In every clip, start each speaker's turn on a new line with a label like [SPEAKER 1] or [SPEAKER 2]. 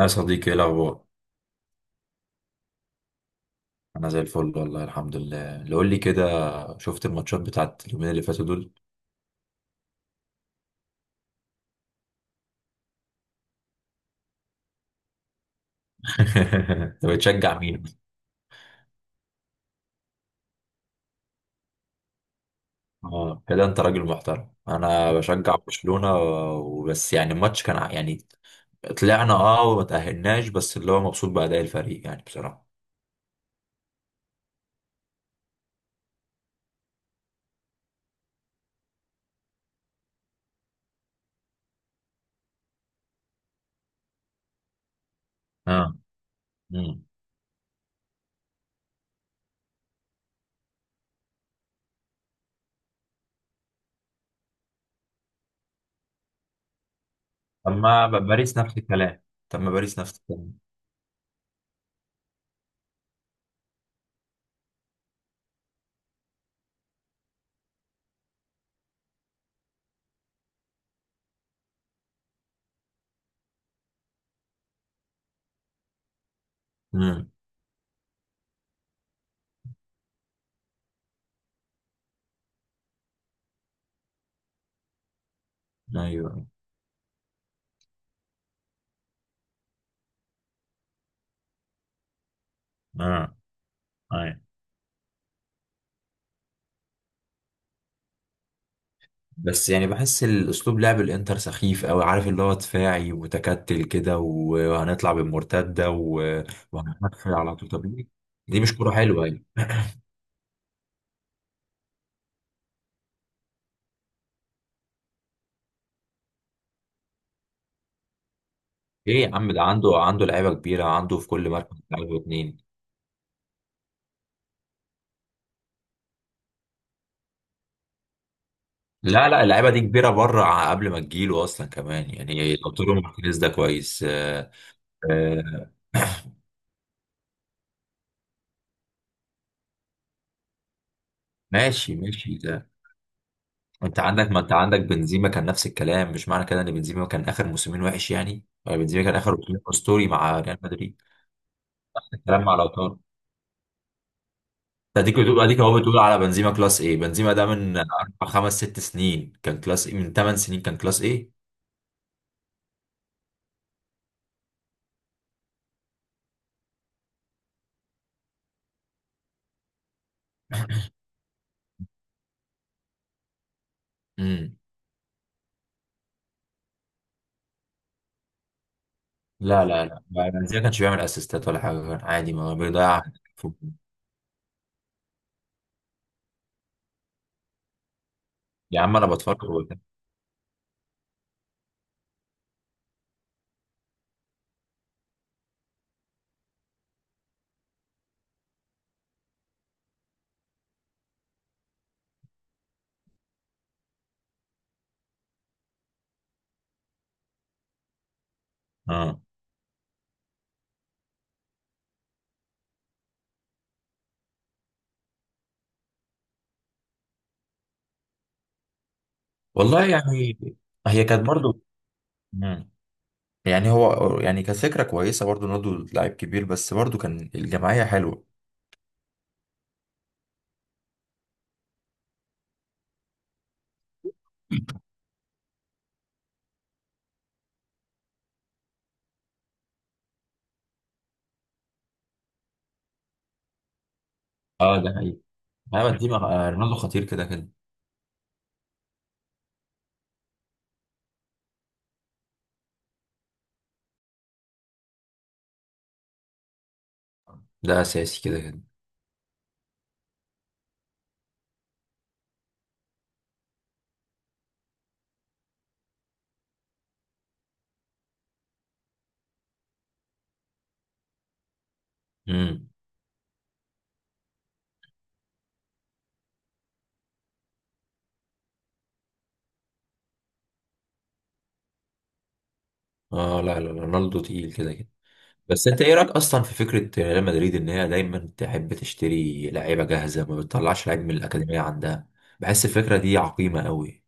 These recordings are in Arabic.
[SPEAKER 1] يا صديقي، ايه الاخبار؟ انا زي الفل والله، الحمد لله اللي قول لي كده. شفت الماتشات بتاعت اليومين اللي فاتوا دول؟ انت بتشجع مين؟ اه كده انت راجل محترم، انا بشجع برشلونة وبس. يعني الماتش كان يعني طلعنا وما تأهلناش، بس اللي هو مبسوط بأداء الفريق يعني بصراحة. اه. امم. اما باريس نفس الكلام، طب ما باريس نفس الكلام. امم. ايوه. اه. بس يعني بحس الاسلوب لعب الانتر سخيف قوي، عارف اللي هو دفاعي ومتكتل كده وهنطلع بالمرتده وهنقفل على طول، طب. دي مش كوره حلوه يعني. ايه يا عم، ده عنده لعيبه كبيره، عنده في كل مركز لعيبه اتنين. لا، لا، اللعيبه دي كبيره بره، قبل ما تجيله اصلا كمان، يعني لو تورو مارتينيز ده كويس. آه، ماشي، ماشي، ده. انت عندك، ما انت عندك بنزيما كان نفس الكلام، مش معنى كده ان بنزيما كان اخر موسمين وحش يعني، ولا بنزيما كان اخر موسمين اسطوري مع ريال مدريد؟ الكلام مع لو. اديك اهو بتقول على بنزيما كلاس ايه، بنزيما ده من 4 5 6 سنين كان كلاس ايه، من 8 سنين كان كلاس ايه. امم. لا، لا، لا، لا، بنزيما كانش بيعمل اسيستات ولا حاجه، كان عادي ما بيضيع فوق. يا عم انا بتفرج وبتاع. اه. والله يعني. هي كانت برضو. مم. يعني هو يعني كانت فكره كويسه برضو، رونالدو لاعب كبير بس برضو كان الجماعيه حلوه. اه ده حقيقي. انا بنزيما، رونالدو خطير كده كده. ده اساسي كده كده. امم. اه، لا، لا، لا، رونالدو تقيل كده كده. بس انت ايه رايك اصلا في فكره ريال مدريد ان هي دايما تحب تشتري لعيبه جاهزه، ما بتطلعش لعيب من الاكاديميه عندها؟ بحس الفكره دي عقيمه قوي.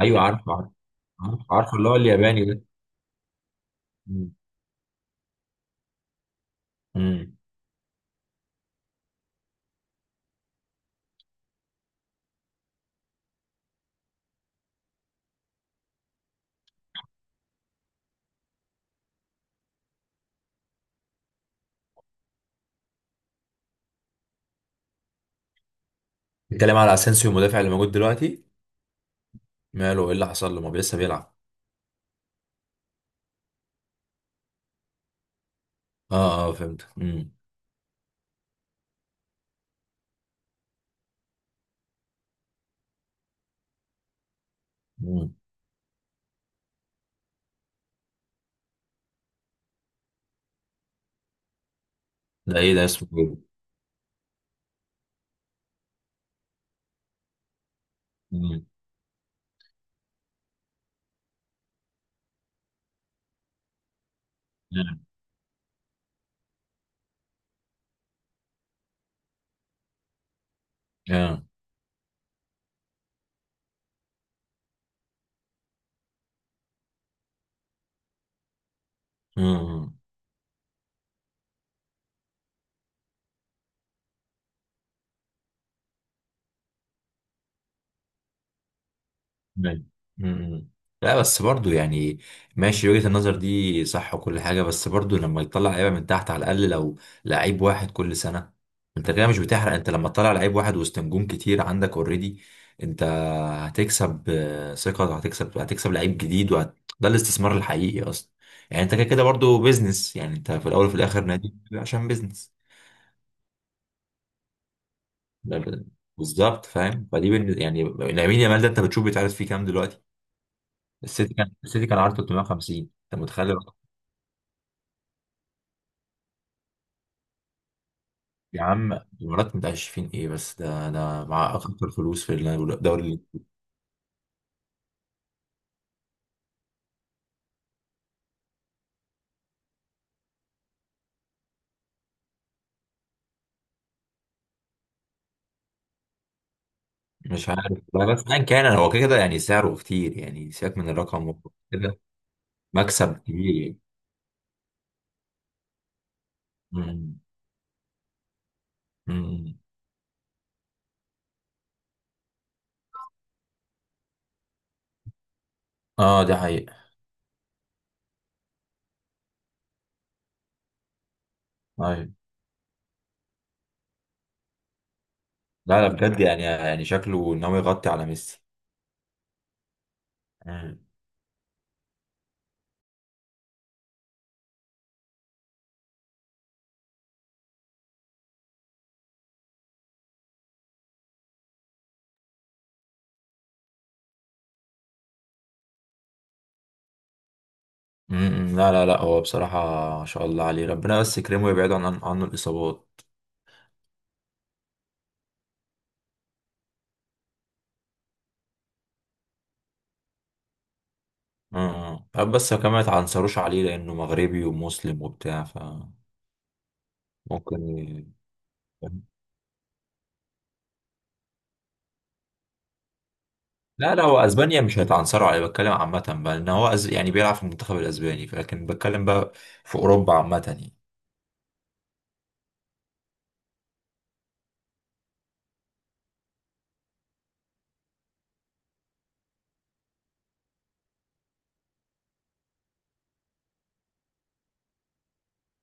[SPEAKER 1] ايوه، عارف، عارف. عارف اللي هو الياباني ده. مم. امم. بتتكلم على اسينسيو المدافع اللي موجود دلوقتي؟ ماله، ايه اللي حصل له؟ ما بي- لسه بيلعب. اه، اه، فهمت. امم. امم. ده ايه، ده اسمه ايه؟ امم. اه. آه. امم. مم. مم. لا بس برضو يعني، ماشي وجهة النظر دي صح وكل حاجة، بس برضو لما يطلع لعيبة من تحت، على الأقل لو لعيب واحد كل سنة. انت كده مش بتحرق. انت لما تطلع لعيب واحد وسط نجوم كتير عندك اوريدي، انت هتكسب ثقة، وهتكسب لعيب جديد، ده الاستثمار الحقيقي اصلا. يعني انت كده كده برضو بيزنس، يعني انت في الاول وفي الاخر نادي عشان بيزنس. ده- بالظبط فاهم، يعني لامين يامال ده انت بتشوف بيتعرض فيه كام دلوقتي. السيتي كان عرضه 350، انت متخيل الرقم؟ يا عم، الإمارات متقشفين ايه؟ بس ده مع اكتر فلوس في الدوري. مش عارف والله، بس ايا كان هو كده كده يعني سعره كتير، يعني سيبك من الرقم. كده مكسب كبير يعني. مم. مم. اه ده حقيقة. ايوه، لا، لا، بجد يعني، يعني شكله ان هو يغطي على ميسي. مم. مم. لا، لا، لا، هو بصراحة ما شاء الله عليه، ربنا بس يكرمه ويبعد عنه الإصابات. اه، آه. بس كمان ما يتعنصروش عليه لانه مغربي ومسلم وبتاع، فممكن ي- لا، لا، هو اسبانيا مش هيتعنصروا عليه، بتكلم عامة بقى ان هو، يعني بيلعب في المنتخب الاسباني، لكن بتكلم بقى في اوروبا عامة يعني.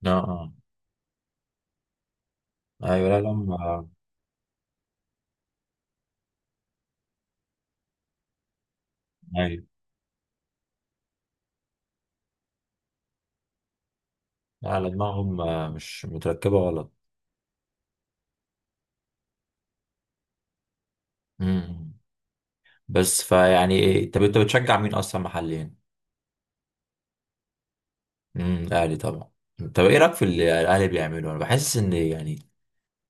[SPEAKER 1] اه، اه. ايوه، لا، لا، ايوه، لا، لا، دماغهم مش متركبة غلط. امم. بس فيعني إيه؟ طب انت بتشجع مين اصلا محليا؟ امم، الاهلي طبعا. طب ايه رايك في اللي الاهلي بيعمله؟ انا بحس ان يعني،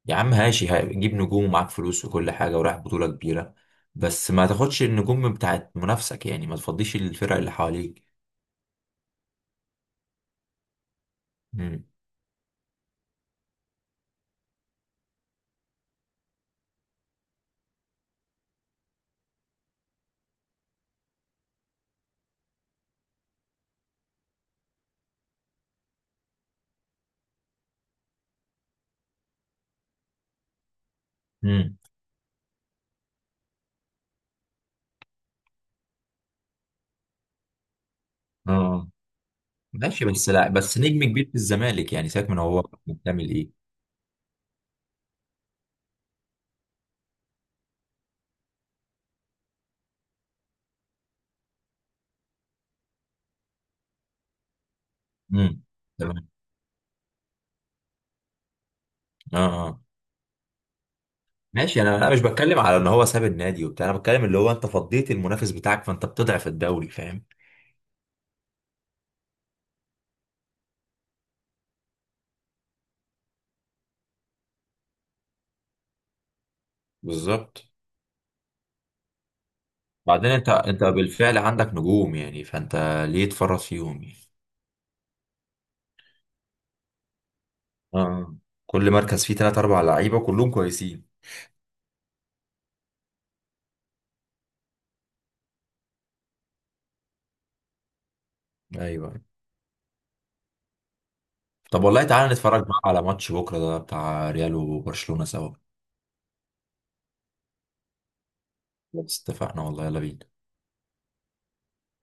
[SPEAKER 1] يا عم هاشي هجيب نجوم ومعاك فلوس وكل حاجة ورايح بطولة كبيرة، بس ما تاخدش النجوم بتاعت منافسك، يعني ما تفضيش الفرق اللي حواليك. امم. امم. اه. ماشي، بس لا، بس نجم كبير في الزمالك يعني سيبك من هو بيعمل ايه. امم. تمام. اه. اه. ماشي، انا مش بتكلم على ان هو ساب النادي وبتاع، انا بتكلم اللي هو انت فضيت المنافس بتاعك فانت بتضعف الدوري، فاهم؟ بالظبط. بعدين انت بالفعل عندك نجوم، يعني فانت ليه تفرط فيهم يعني؟ اه، كل مركز فيه تلات أربع لعيبة كلهم كويسين. ايوه. طب والله تعالى نتفرج بقى على ماتش بكرة ده بتاع ريال وبرشلونة سوا. بس اتفقنا، والله يلا بينا.